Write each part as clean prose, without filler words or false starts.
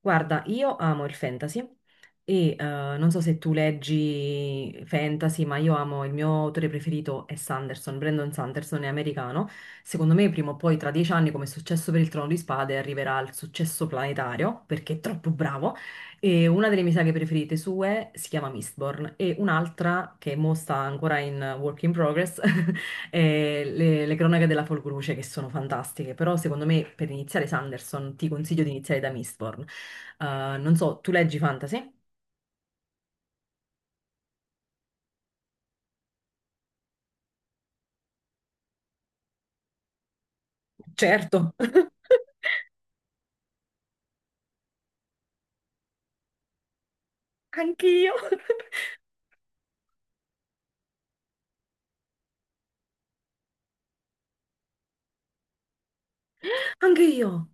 Guarda, io amo il fantasy e non so se tu leggi fantasy, ma il mio autore preferito è Sanderson, Brandon Sanderson è americano. Secondo me prima o poi tra 10 anni, come è successo per il Trono di Spade, arriverà al successo planetario perché è troppo bravo. E una delle mie saghe preferite sue si chiama Mistborn e un'altra che mo sta ancora in work in progress. Le cronache della Folgoluce che sono fantastiche, però secondo me per iniziare Sanderson ti consiglio di iniziare da Mistborn. Non so, tu leggi fantasy? Certo. Anch'io. Anche io.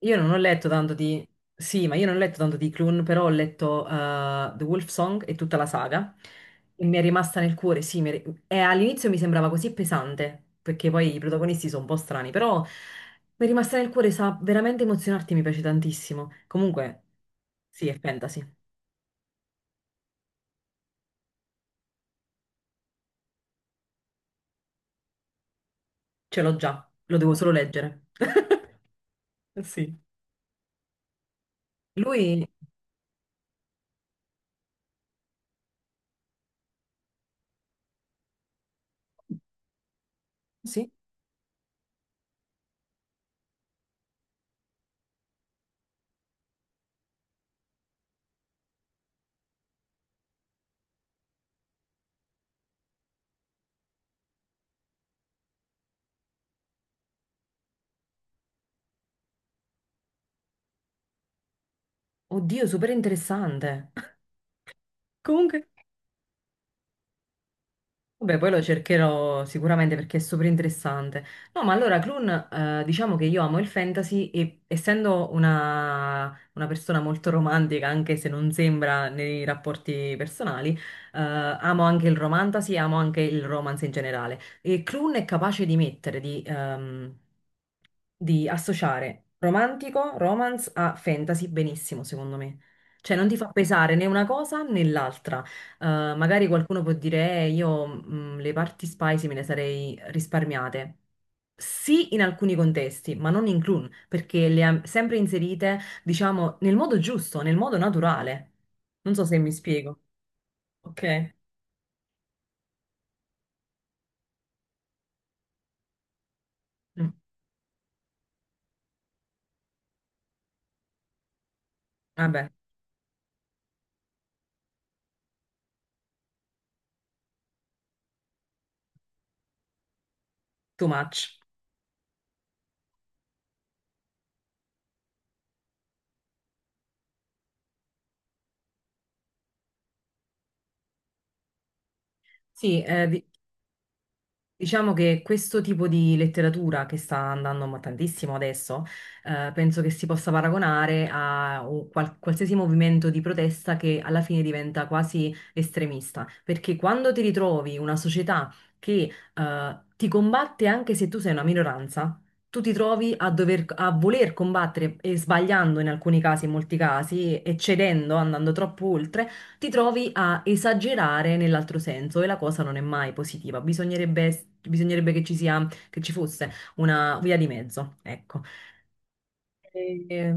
Io non ho letto tanto di... Sì, ma io non ho letto tanto di Clun, però ho letto The Wolf Song e tutta la saga e mi è rimasta nel cuore. Sì, e all'inizio mi sembrava così pesante, perché poi i protagonisti sono un po' strani, però mi è rimasta nel cuore, sa veramente emozionarti, mi piace tantissimo. Comunque, sì, è fantasy, ce l'ho già, lo devo solo leggere. Sì. Lui... Sì. Oddio, super interessante. Comunque... Vabbè, poi lo cercherò sicuramente perché è super interessante. No, ma allora, Clun, diciamo che io amo il fantasy e, essendo una persona molto romantica, anche se non sembra nei rapporti personali, amo anche il romantasy e amo anche il romance in generale. E Clun è capace di mettere, di associare romantico, romance a fantasy benissimo, secondo me. Cioè, non ti fa pesare né una cosa né l'altra. Eh, Magari qualcuno può dire: "Io le parti spicy me le sarei risparmiate. Sì, in alcuni contesti, ma non in clown, perché le ha sempre inserite, diciamo, nel modo giusto, nel modo naturale. Non so se mi spiego. Ok. Mm. Vabbè, too much. Sì, diciamo che questo tipo di letteratura che sta andando ma tantissimo adesso, penso che si possa paragonare a un qualsiasi movimento di protesta che alla fine diventa quasi estremista, perché quando ti ritrovi una società che, ti combatte anche se tu sei una minoranza, tu ti trovi a dover, a voler combattere e sbagliando in alcuni casi, in molti casi, e cedendo, andando troppo oltre ti trovi a esagerare nell'altro senso e la cosa non è mai positiva. Bisognerebbe, bisognerebbe che ci sia, che ci fosse una via di mezzo, ecco. E-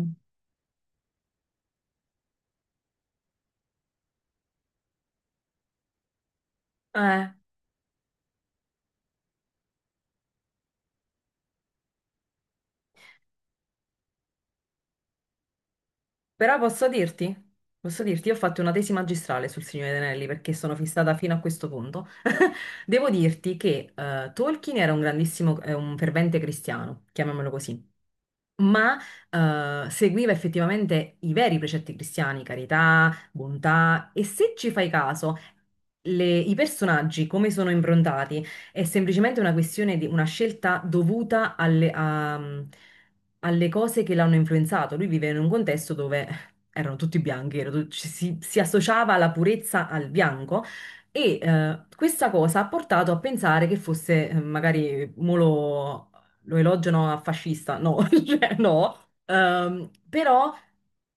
eh, però posso dirti, io ho fatto una tesi magistrale sul Signore degli Anelli perché sono fissata fino a questo punto. Devo dirti che Tolkien era un grandissimo, un fervente cristiano, chiamiamolo così. Ma seguiva effettivamente i veri precetti cristiani, carità, bontà, e se ci fai caso, i personaggi come sono improntati è semplicemente una questione di una scelta dovuta alle cose che l'hanno influenzato. Lui vive in un contesto dove erano tutti bianchi, era tut- ci si, si associava la purezza al bianco. E questa cosa ha portato a pensare che fosse, magari, molo lo elogiano a fascista, no, cioè no. Però,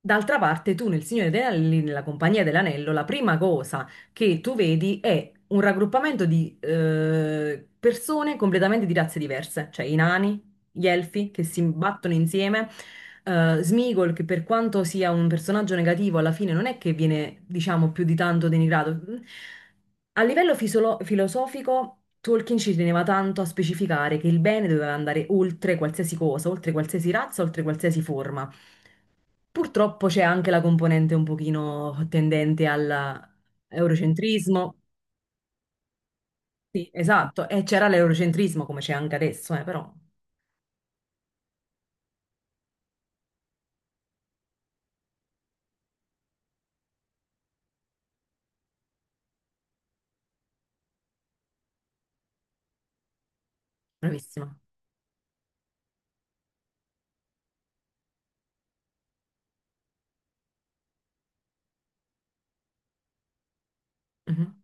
d'altra parte, tu nel Signore degli Anelli, nella Compagnia dell'Anello, la prima cosa che tu vedi è un raggruppamento di persone completamente di razze diverse, cioè i nani, gli elfi che si battono insieme. Sméagol, che per quanto sia un personaggio negativo, alla fine non è che viene, diciamo, più di tanto denigrato. A livello filosofico, Tolkien ci teneva tanto a specificare che il bene doveva andare oltre qualsiasi cosa, oltre qualsiasi razza, oltre qualsiasi forma. Purtroppo c'è anche la componente un pochino tendente all'eurocentrismo. Sì, esatto, e c'era l'eurocentrismo come c'è anche adesso, però bravissima. Mhm.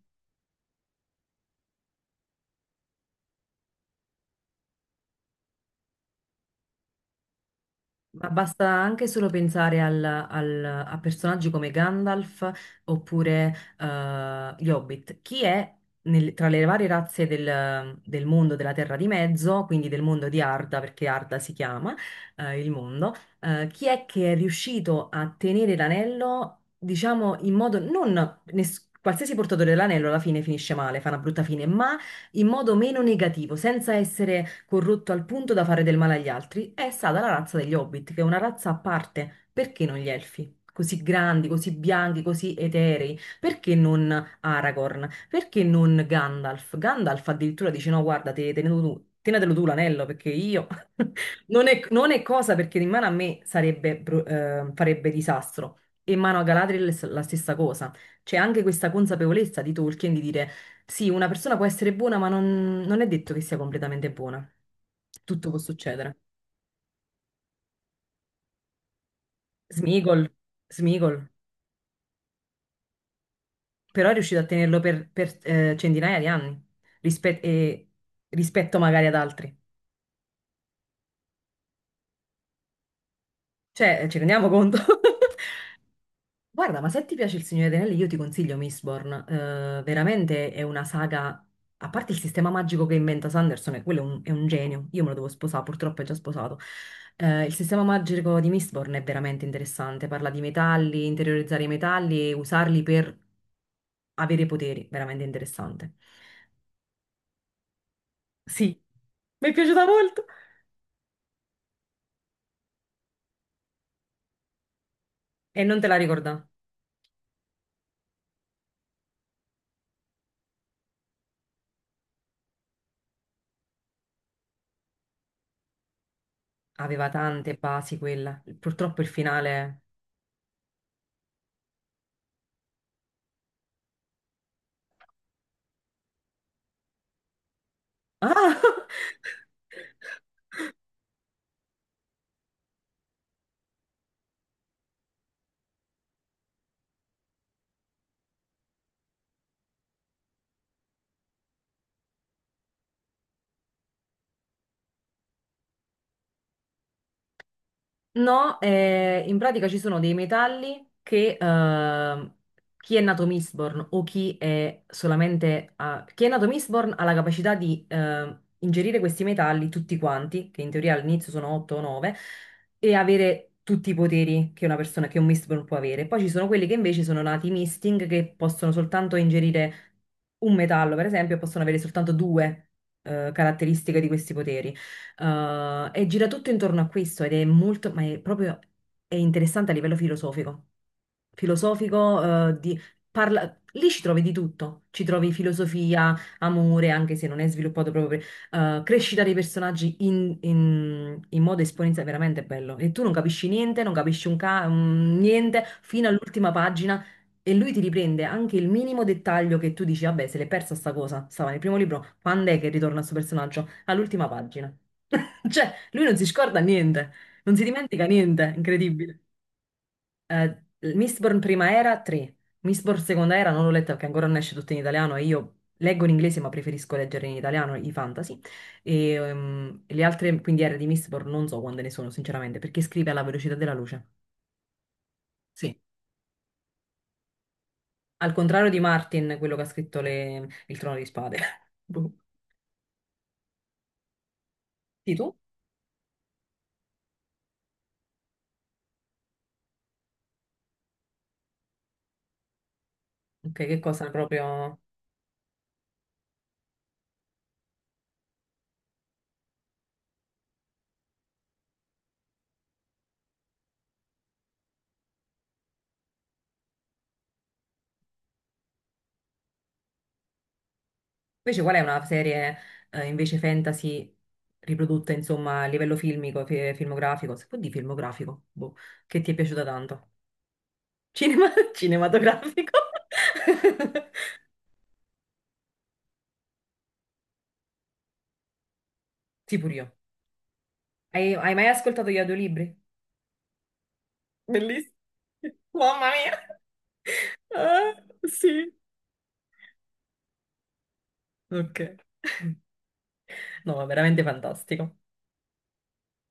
Ma basta anche solo pensare a personaggi come Gandalf oppure gli Hobbit. Chi è tra le varie razze del mondo della Terra di Mezzo, quindi del mondo di Arda, perché Arda si chiama il mondo, chi è che è riuscito a tenere l'anello, diciamo, in modo non... Qualsiasi portatore dell'anello alla fine finisce male, fa una brutta fine, ma in modo meno negativo, senza essere corrotto al punto da fare del male agli altri, è stata la razza degli Hobbit, che è una razza a parte. Perché non gli elfi? Così grandi, così bianchi, così eterei. Perché non Aragorn? Perché non Gandalf? Gandalf addirittura dice: no, guarda, te, tenetelo tu. Tenetelo tu l'anello perché io non è, non è cosa, perché in mano a me sarebbe, farebbe disastro. E in mano a Galadriel è la stessa cosa. C'è anche questa consapevolezza di Tolkien di dire: sì, una persona può essere buona, ma non, non è detto che sia completamente buona. Tutto può succedere. Smigol, Smigol, però è riuscito a tenerlo per, centinaia di anni rispe- e- rispetto magari ad altri. Cioè, ci rendiamo conto? Guarda, ma se ti piace Il Signore degli Anelli, io ti consiglio Mistborn. Veramente è una saga, a parte il sistema magico che inventa Sanderson, e quello è un genio. Io me lo devo sposare, purtroppo è già sposato. Il sistema magico di Mistborn è veramente interessante. Parla di metalli, interiorizzare i metalli e usarli per avere poteri. Veramente interessante. Sì, mi è piaciuta molto. E non te la ricorda? Aveva tante basi quella. Purtroppo il finale... Ah! No, in pratica ci sono dei metalli che chi è nato Mistborn o chi è solamente... chi è nato Mistborn ha la capacità di ingerire questi metalli tutti quanti, che in teoria all'inizio sono 8 o 9, e avere tutti i poteri che una persona, che un Mistborn può avere. Poi ci sono quelli che invece sono nati Misting, che possono soltanto ingerire un metallo, per esempio, e possono avere soltanto due caratteristiche di questi poteri. E gira tutto intorno a questo ed è molto, ma è proprio è interessante a livello filosofico. Filosofico, parla, lì ci trovi di tutto. Ci trovi filosofia, amore, anche se non è sviluppato proprio, crescita dei personaggi in modo esponenziale, veramente bello. E tu non capisci niente, non capisci un niente fino all'ultima pagina. E lui ti riprende anche il minimo dettaglio che tu dici: vabbè, se l'è persa sta cosa, stava nel primo libro, quando è che ritorna questo personaggio? All'ultima pagina. Cioè, lui non si scorda niente, non si dimentica niente, incredibile. Eh, Mistborn prima era 3, Mistborn seconda era non l'ho letta perché ancora non esce tutto in italiano e io leggo in inglese ma preferisco leggere in italiano i fantasy. E le altre quindiere di Mistborn non so quante ne sono sinceramente perché scrive alla velocità della luce. Sì, al contrario di Martin, quello che ha scritto Il Trono di Spade. Boh. Sì, tu? Ok, che cosa proprio... Invece qual è una serie invece fantasy riprodotta insomma a livello filmico, filmografico, se può dire filmografico, boh, che ti è piaciuta tanto? Cinematografico? Sì, pure io. Hai, hai mai ascoltato gli audiolibri? Bellissimo. Mamma mia. Ah, sì. Ok. No, è veramente fantastico.